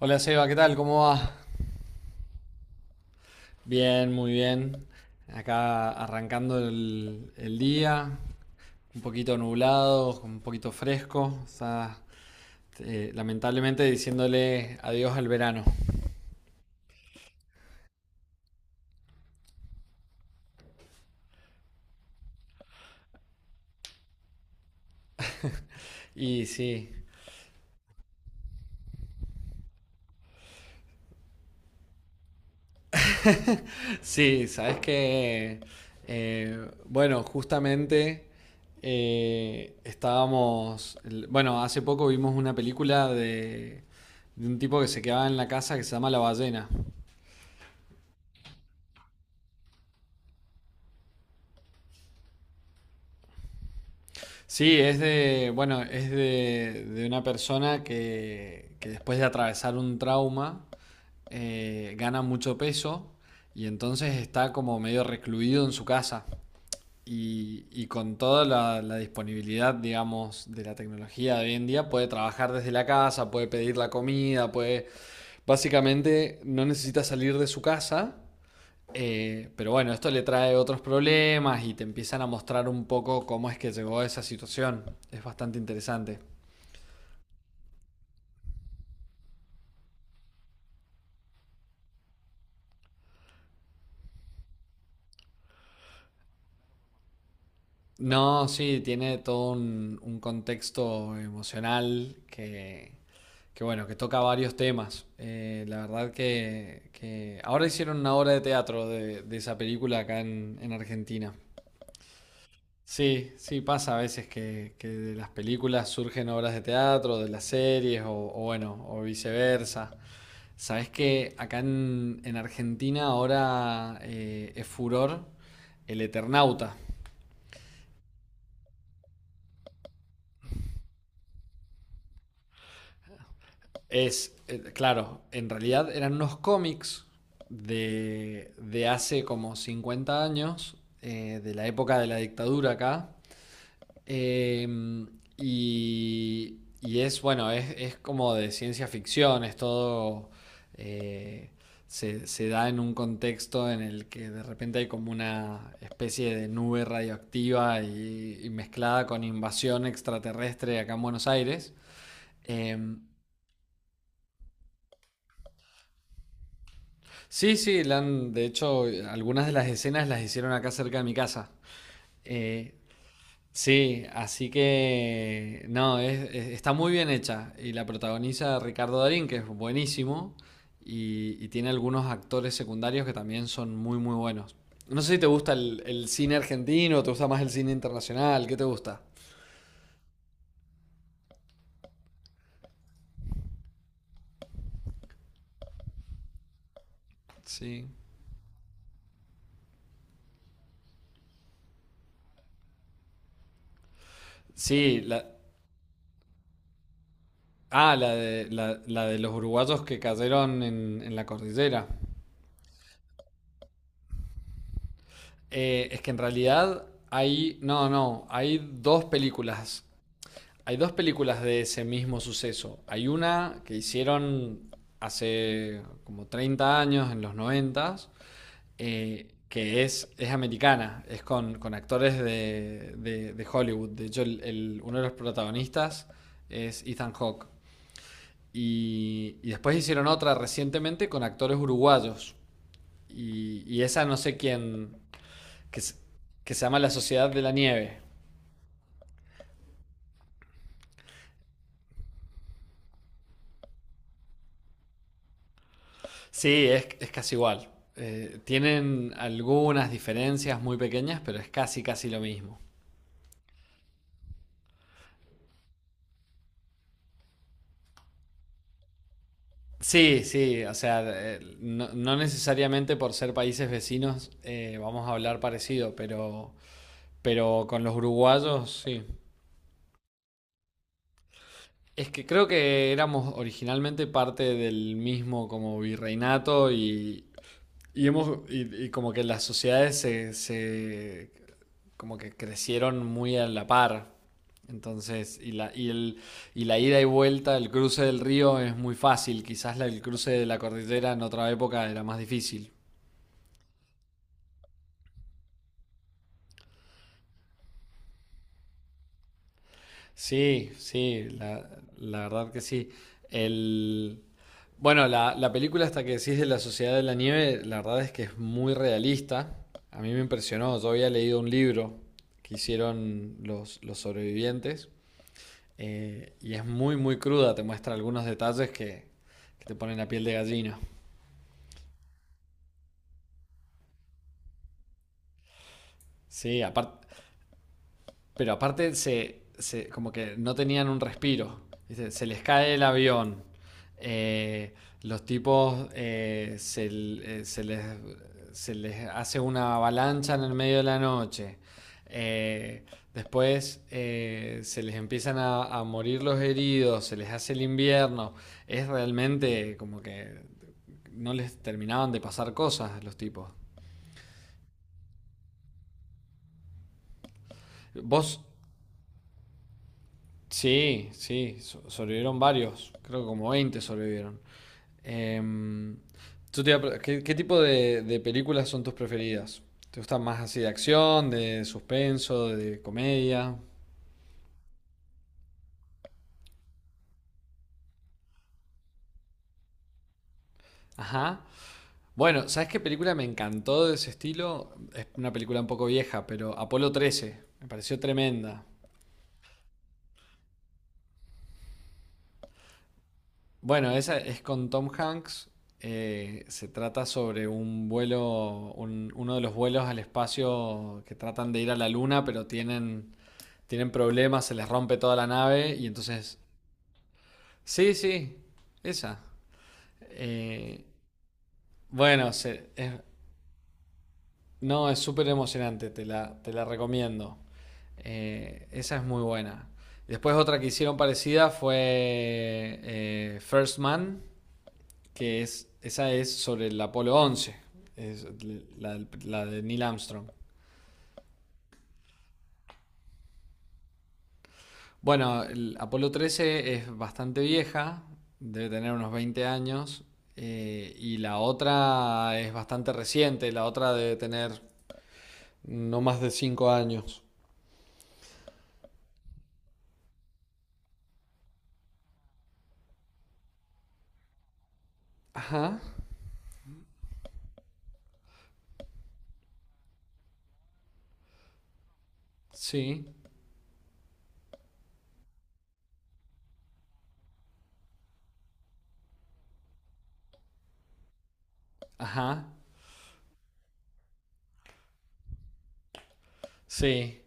Hola Seba, ¿qué tal? ¿Cómo va? Bien, muy bien. Acá arrancando el día, un poquito nublado, un poquito fresco. O sea, lamentablemente diciéndole adiós al verano. Y sí, sí, sabes que, bueno, justamente bueno, hace poco vimos una película de un tipo que se quedaba en la casa que se llama La Ballena. Sí, es de, bueno, de una persona que después de atravesar un trauma gana mucho peso y entonces está como medio recluido en su casa. Y con toda la disponibilidad, digamos, de la tecnología de hoy en día, puede trabajar desde la casa, puede pedir la comida, puede... Básicamente no necesita salir de su casa, pero bueno, esto le trae otros problemas y te empiezan a mostrar un poco cómo es que llegó a esa situación. Es bastante interesante. No, sí, tiene todo un contexto emocional bueno, que toca varios temas. La verdad que ahora hicieron una obra de teatro de esa película acá en Argentina. Sí, sí, pasa a veces que de las películas surgen obras de teatro, de las series o bueno, o viceversa. Sabes que acá en Argentina ahora es furor el Eternauta. Es, claro, en realidad eran unos cómics de hace como 50 años, de la época de la dictadura acá. Eh, y, y es, bueno, es como de ciencia ficción, es todo... eh, se da en un contexto en el que de repente hay como una especie de nube radioactiva y mezclada con invasión extraterrestre acá en Buenos Aires. Em, sí, sí, de hecho algunas de las escenas las hicieron acá cerca de mi casa. Eh, Sí, así que no, está muy bien hecha y la protagoniza Ricardo Darín, que es buenísimo, y tiene algunos actores secundarios que también son muy, muy buenos. No sé si te gusta el cine argentino, te gusta más el cine internacional, ¿qué te gusta? Sí. Sí, la, ah, la de, la de los uruguayos que cayeron en la cordillera. Es que en realidad hay, no, no, hay dos películas. Hay dos películas de ese mismo suceso. Hay una que hicieron hace como 30 años, en los noventas, que es americana, es con actores de Hollywood. De hecho, uno de los protagonistas es Ethan Hawke. Y después hicieron otra recientemente con actores uruguayos. Y esa no sé quién, que, que se llama La Sociedad de la Nieve. Sí, es casi igual. Tienen algunas diferencias muy pequeñas, pero es casi, casi lo mismo. Sí, sí, o sea, no, no necesariamente por ser países vecinos vamos a hablar parecido, pero con los uruguayos sí. Es que creo que éramos originalmente parte del mismo como virreinato y, hemos, y como que las sociedades como que crecieron muy a la par. Entonces, y la ida y vuelta, el cruce del río es muy fácil. Quizás el cruce de la cordillera en otra época era más difícil. Sí, sí, la verdad que sí. El, bueno, la película hasta que decís de la Sociedad de la Nieve, la verdad es que es muy realista. A mí me impresionó, yo había leído un libro que hicieron los sobrevivientes. Y es muy, muy cruda, te muestra algunos detalles que te ponen la piel de gallina. Sí, aparte, pero aparte como que no tenían un respiro. ¿Viste? Se les cae el avión. eh, los tipos, eh, se les, se les hace una avalancha en el medio de la noche. eh, Después, se les empiezan a morir los heridos, se les hace el invierno. Es realmente como que no les terminaban de pasar cosas a los tipos. Vos, sí, sí, sobrevivieron varios, creo que como 20 sobrevivieron. Em, yo te iba a ¿qué, qué tipo de películas son tus preferidas? ¿Te gustan más así de acción, de suspenso, de comedia? Ajá. Bueno, ¿sabes qué película me encantó de ese estilo? Es una película un poco vieja, pero Apolo 13, me pareció tremenda. Bueno, esa es con Tom Hanks. Se trata sobre un vuelo, uno de los vuelos al espacio que tratan de ir a la luna, pero tienen, tienen problemas, se les rompe toda la nave y entonces... Sí, sí, esa. Eh, bueno, se- es- no, es súper emocionante, te la recomiendo. Esa es muy buena. Después otra que hicieron parecida fue, First Man. Que es, esa es sobre el Apolo once, es la de Neil Armstrong. Bueno, el Apolo trece es bastante vieja, debe tener unos 20 años, y la otra es bastante reciente, la otra debe tener no más de 5 años. Ajá, sí, ajá, sí.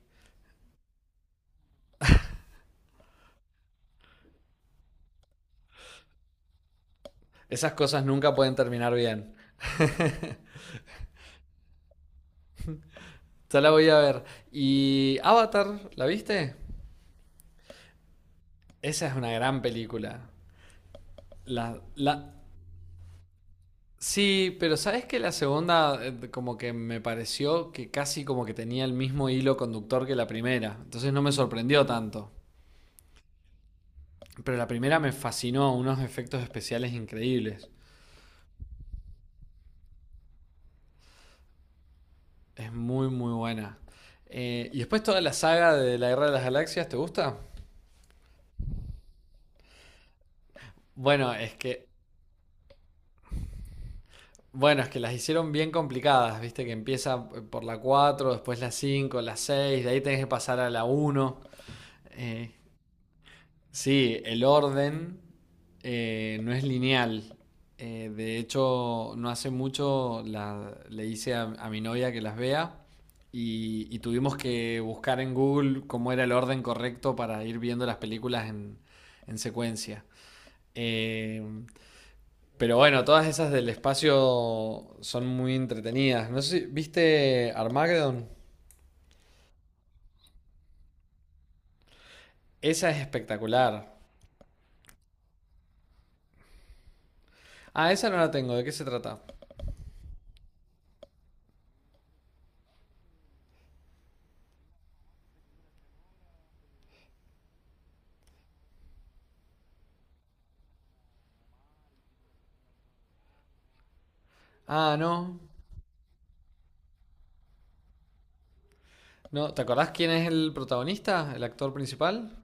Esas cosas nunca pueden terminar bien. Ya la voy a ver. ¿Y Avatar, la viste? Esa es una gran película. La, la, Sí, pero sabes que la segunda, como que me pareció que casi como que tenía el mismo hilo conductor que la primera, entonces no me sorprendió tanto. Pero la primera me fascinó, unos efectos especiales increíbles. Es muy muy buena. Y después toda la saga de la Guerra de las Galaxias, ¿te gusta? Bueno, es que bueno, es que las hicieron bien complicadas, viste que empieza, por la 4, después la 5, la 6, de ahí tenés que pasar a la uno. Eh, Sí, el orden, no es lineal. De hecho, no hace mucho le hice a mi novia que las vea y tuvimos que buscar en Google cómo era el orden correcto para ir viendo las películas en secuencia. Eh, pero bueno, todas esas del espacio son muy entretenidas. No sé ¿viste Armageddon? Esa es espectacular. Ah, esa no la tengo. ¿De qué se trata? Ah, no. No, ¿te acordás quién es el protagonista? ¿El actor principal?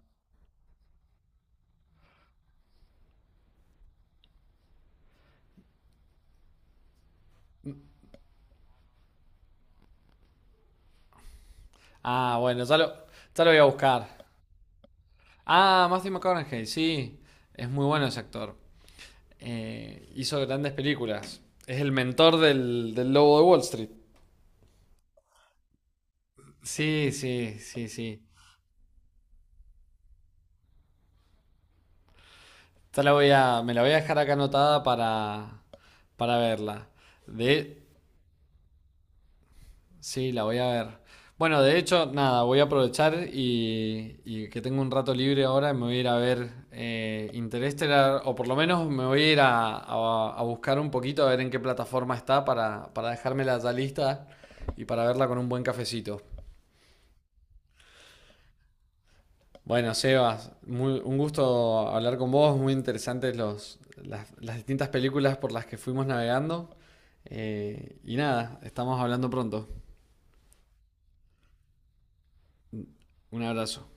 Ah, bueno, ya lo voy a buscar. Ah, Matthew McConaughey, sí. Es muy bueno ese actor. Hizo grandes películas. Es el mentor del lobo de Wall Street. Sí, sí, sí, sí. Ya la voy a, me la voy a dejar acá anotada para verla. De, sí, la voy a ver. Bueno, de hecho, nada, voy a aprovechar y que tengo un rato libre ahora y me voy a ir a ver, Interestelar, o por lo menos me voy a ir a buscar un poquito a ver en qué plataforma está para dejármela ya lista y para verla con un buen cafecito. Bueno, Sebas, un gusto hablar con vos, muy interesantes las distintas películas por las que fuimos navegando. Y nada, estamos hablando pronto. Un abrazo.